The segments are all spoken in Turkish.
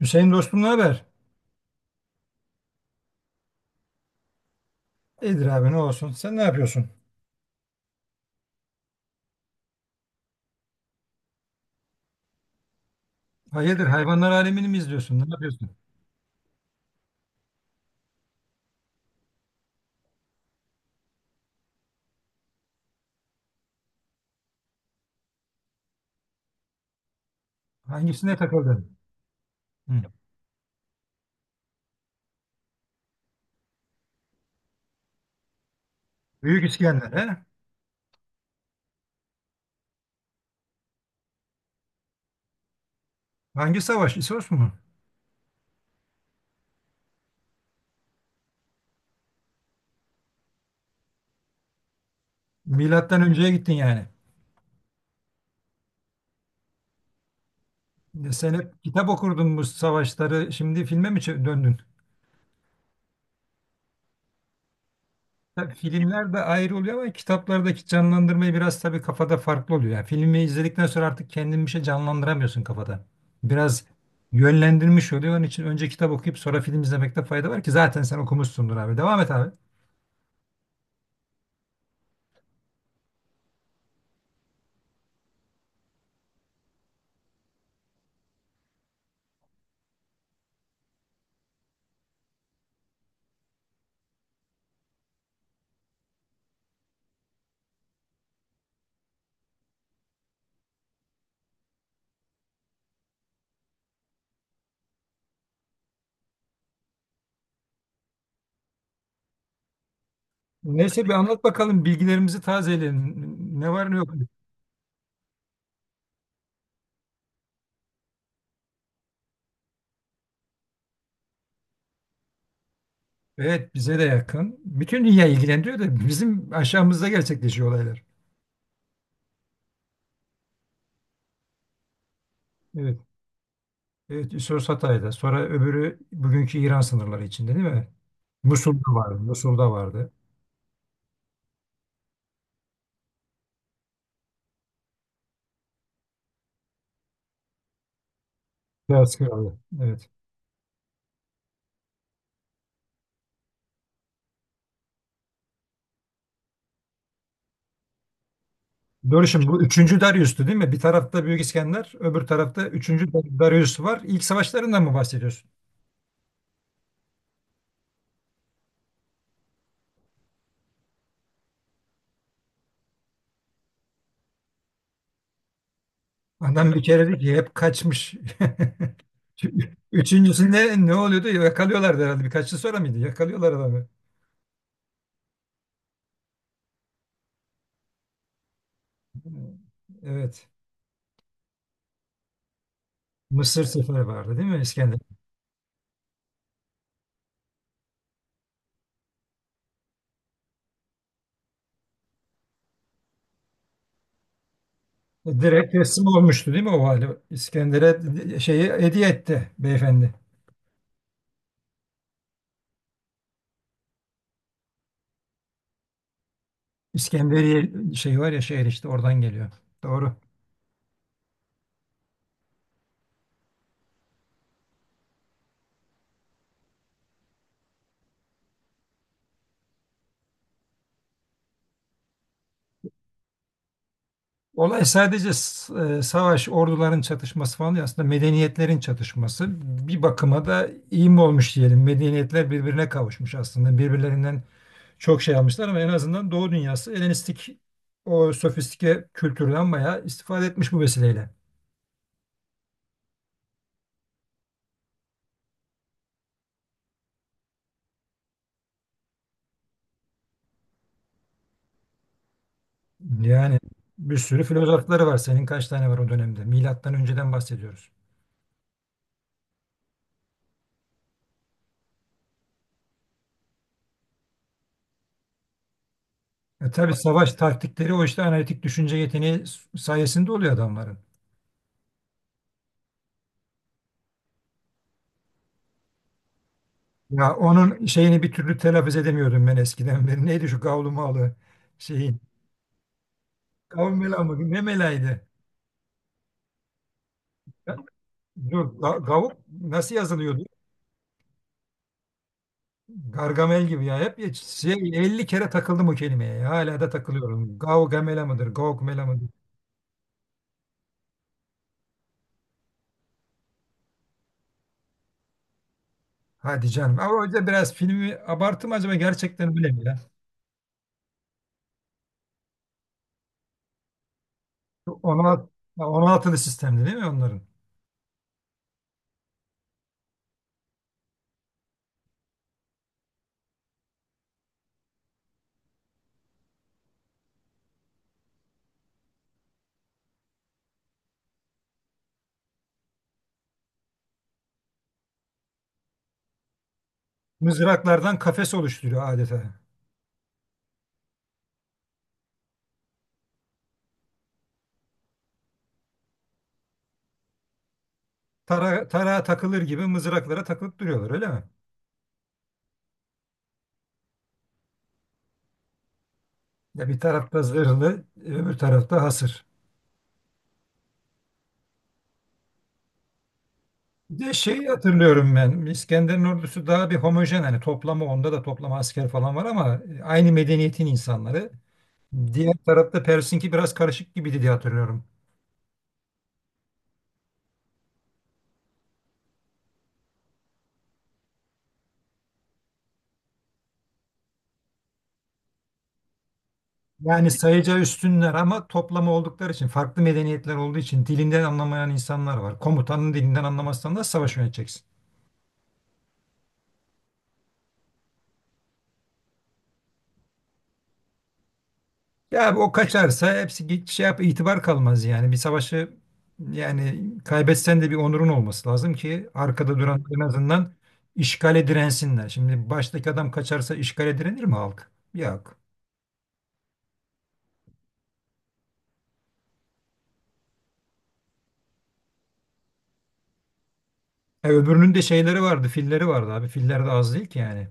Hüseyin dostum, ne haber? İyidir abi, ne olsun. Sen ne yapıyorsun? Hayırdır, hayvanlar alemini mi izliyorsun? Ne yapıyorsun? Hangisine takıldın? Hı. Büyük İskender he? Hangi savaş? İsos mu? Milattan önceye gittin yani. Sen hep kitap okurdun bu savaşları. Şimdi filme mi döndün? Tabii filmler de ayrı oluyor ama kitaplardaki canlandırmayı biraz tabii kafada farklı oluyor. Yani filmi izledikten sonra artık kendin bir şey canlandıramıyorsun kafada. Biraz yönlendirmiş oluyor. Onun için önce kitap okuyup sonra film izlemekte fayda var ki zaten sen okumuşsundur abi. Devam et abi. Neyse bir anlat bakalım, bilgilerimizi tazeleyelim. Ne var ne yok. Evet, bize de yakın. Bütün dünya ilgilendiriyor da bizim aşağımızda gerçekleşiyor olaylar. Evet. Evet, Üsos Hatay'da. Sonra öbürü bugünkü İran sınırları içinde, değil mi? Musul'da vardı. Musul'da vardı. Beyaz Kralı. Evet. Doğru, şimdi bu üçüncü Darius'tu değil mi? Bir tarafta Büyük İskender, öbür tarafta üçüncü Darius var. İlk savaşlarından mı bahsediyorsun? Adam bir kere dedi ki hep kaçmış. Üçüncüsünde ne oluyordu? Yakalıyorlardı herhalde. Birkaç yıl sonra mıydı? Yakalıyorlar adamı. Evet. Mısır seferi vardı değil mi İskender? Direkt teslim olmuştu değil mi o hali? İskender'e şeyi hediye etti beyefendi. İskenderiye şey var ya, şehir işte oradan geliyor. Doğru. Olay sadece savaş, orduların çatışması falan değil. Aslında medeniyetlerin çatışması. Bir bakıma da iyi mi olmuş diyelim. Medeniyetler birbirine kavuşmuş aslında. Birbirlerinden çok şey almışlar ama en azından Doğu dünyası Helenistik o sofistike kültürden bayağı istifade etmiş bu vesileyle. Yani bir sürü filozofları var. Senin kaç tane var o dönemde? Milattan önceden bahsediyoruz. Tabii savaş taktikleri o işte analitik düşünce yeteneği sayesinde oluyor adamların. Ya, onun şeyini bir türlü telaffuz edemiyordum ben eskiden beri. Neydi şu gavlu malı şeyin? Gavlu mela mı? Ne melaydı? Ya, dur, gavuk nasıl yazılıyordu? Gargamel gibi ya. Hep hiç şey, 50 kere takıldım o kelimeye, ya. Hala da takılıyorum. Gavgamela mıdır? Gavgmela mıdır? Hadi canım. Ama o yüzden biraz filmi abarttım, acaba gerçekten öyle mi ya? 16, 16'lı sistemdi değil mi onların? Mızraklardan kafes oluşturuyor adeta. Tarağa takılır gibi mızraklara takılıp duruyorlar öyle mi? Ya bir tarafta zırhlı, öbür tarafta hasır. Bir de şeyi hatırlıyorum ben. İskender'in ordusu daha bir homojen, hani toplama, onda da toplama asker falan var ama aynı medeniyetin insanları. Diğer tarafta Pers'inki biraz karışık gibiydi diye hatırlıyorum. Yani sayıca üstünler ama toplama oldukları için, farklı medeniyetler olduğu için dilinden anlamayan insanlar var. Komutanın dilinden anlamazsan da savaş yöneteceksin. Ya abi, o kaçarsa hepsi şey yap, itibar kalmaz yani. Bir savaşı yani kaybetsen de bir onurun olması lazım ki arkada duran en azından işgale dirensinler. Şimdi baştaki adam kaçarsa işgale direnir mi halk? Yok. Öbürünün de şeyleri vardı, filleri vardı abi. Filler de az değil ki yani.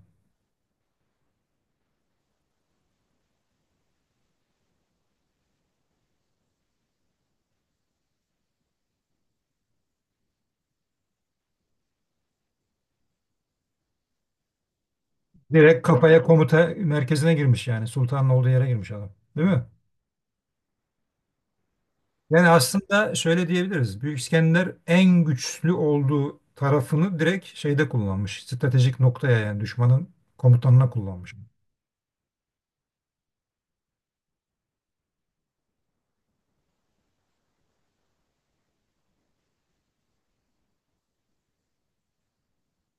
Doğru. Kafaya, komuta merkezine girmiş yani. Sultanın olduğu yere girmiş adam. Değil mi? Yani aslında şöyle diyebiliriz: Büyük İskender en güçlü olduğu tarafını direkt şeyde kullanmış. Stratejik noktaya, yani düşmanın komutanına kullanmış.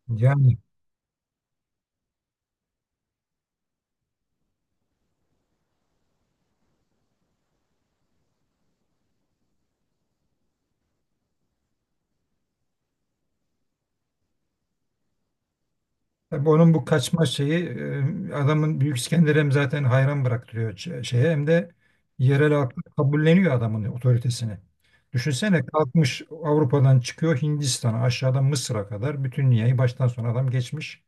Yani tabii onun bu kaçma şeyi adamın Büyük İskender hem zaten hayran bıraktırıyor şeye, hem de yerel halk kabulleniyor adamın otoritesini. Düşünsene, kalkmış Avrupa'dan çıkıyor Hindistan'a, aşağıdan Mısır'a kadar bütün dünyayı baştan sona adam geçmiş.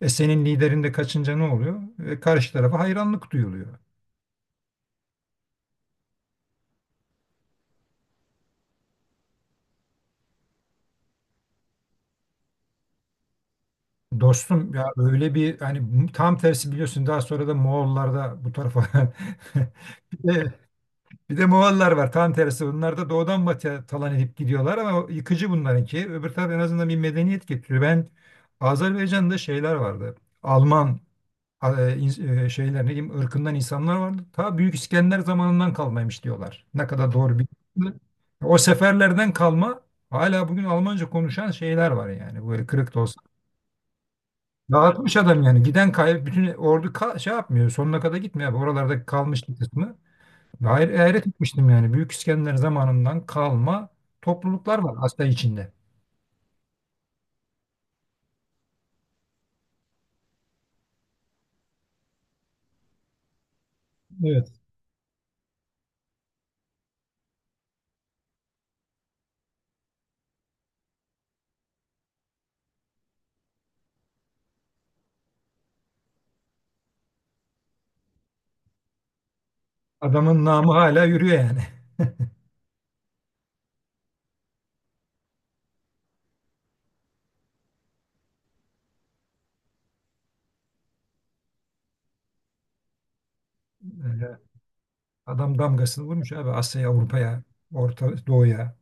Senin liderin de kaçınca ne oluyor? Karşı tarafa hayranlık duyuluyor. Dostum ya, öyle bir hani tam tersi biliyorsun, daha sonra da Moğollar da bu tarafa bir de bir de Moğollar var, tam tersi, bunlar da doğudan batıya talan edip gidiyorlar ama o yıkıcı, bunlarınki öbür taraf en azından bir medeniyet getiriyor. Ben Azerbaycan'da şeyler vardı, Alman şeyler, ne diyeyim, ırkından insanlar vardı, ta Büyük İskender zamanından kalmaymış diyorlar, ne kadar doğru bir, o seferlerden kalma hala bugün Almanca konuşan şeyler var yani, böyle kırık da olsa. Dağıtmış adam yani. Giden bütün ordu şey yapmıyor. Sonuna kadar gitmiyor abi. Oralarda kalmış bir kısmı. Ve hayret, hayret etmiştim yani. Büyük İskender zamanından kalma topluluklar var Asya içinde. Evet. Adamın namı hala yürüyor yani. Ee, Adam damgasını vurmuş abi Asya'ya, Avrupa'ya, Orta Doğu'ya.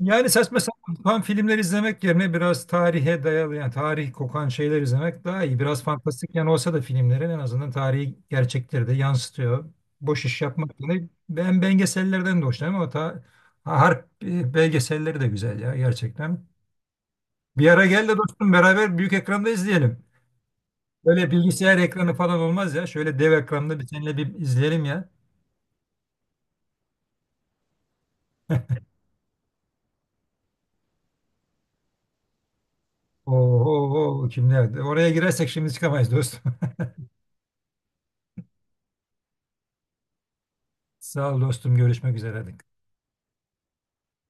Yani saçma sapan filmler izlemek yerine biraz tarihe dayalı, yani tarih kokan şeyler izlemek daha iyi. Biraz fantastik yani olsa da filmlerin, en azından tarihi gerçekleri de yansıtıyor. Boş iş yapmak yerine, ben belgesellerden de hoşlanıyorum ama harp belgeselleri de güzel ya, gerçekten. Bir ara gel de dostum, beraber büyük ekranda izleyelim. Böyle bilgisayar ekranı falan olmaz ya. Şöyle dev ekranda bir seninle bir izleyelim ya. Oo, oo, oo, kimler? Oraya girersek şimdi çıkamayız dostum. Sağ ol dostum, görüşmek üzere. Hadi.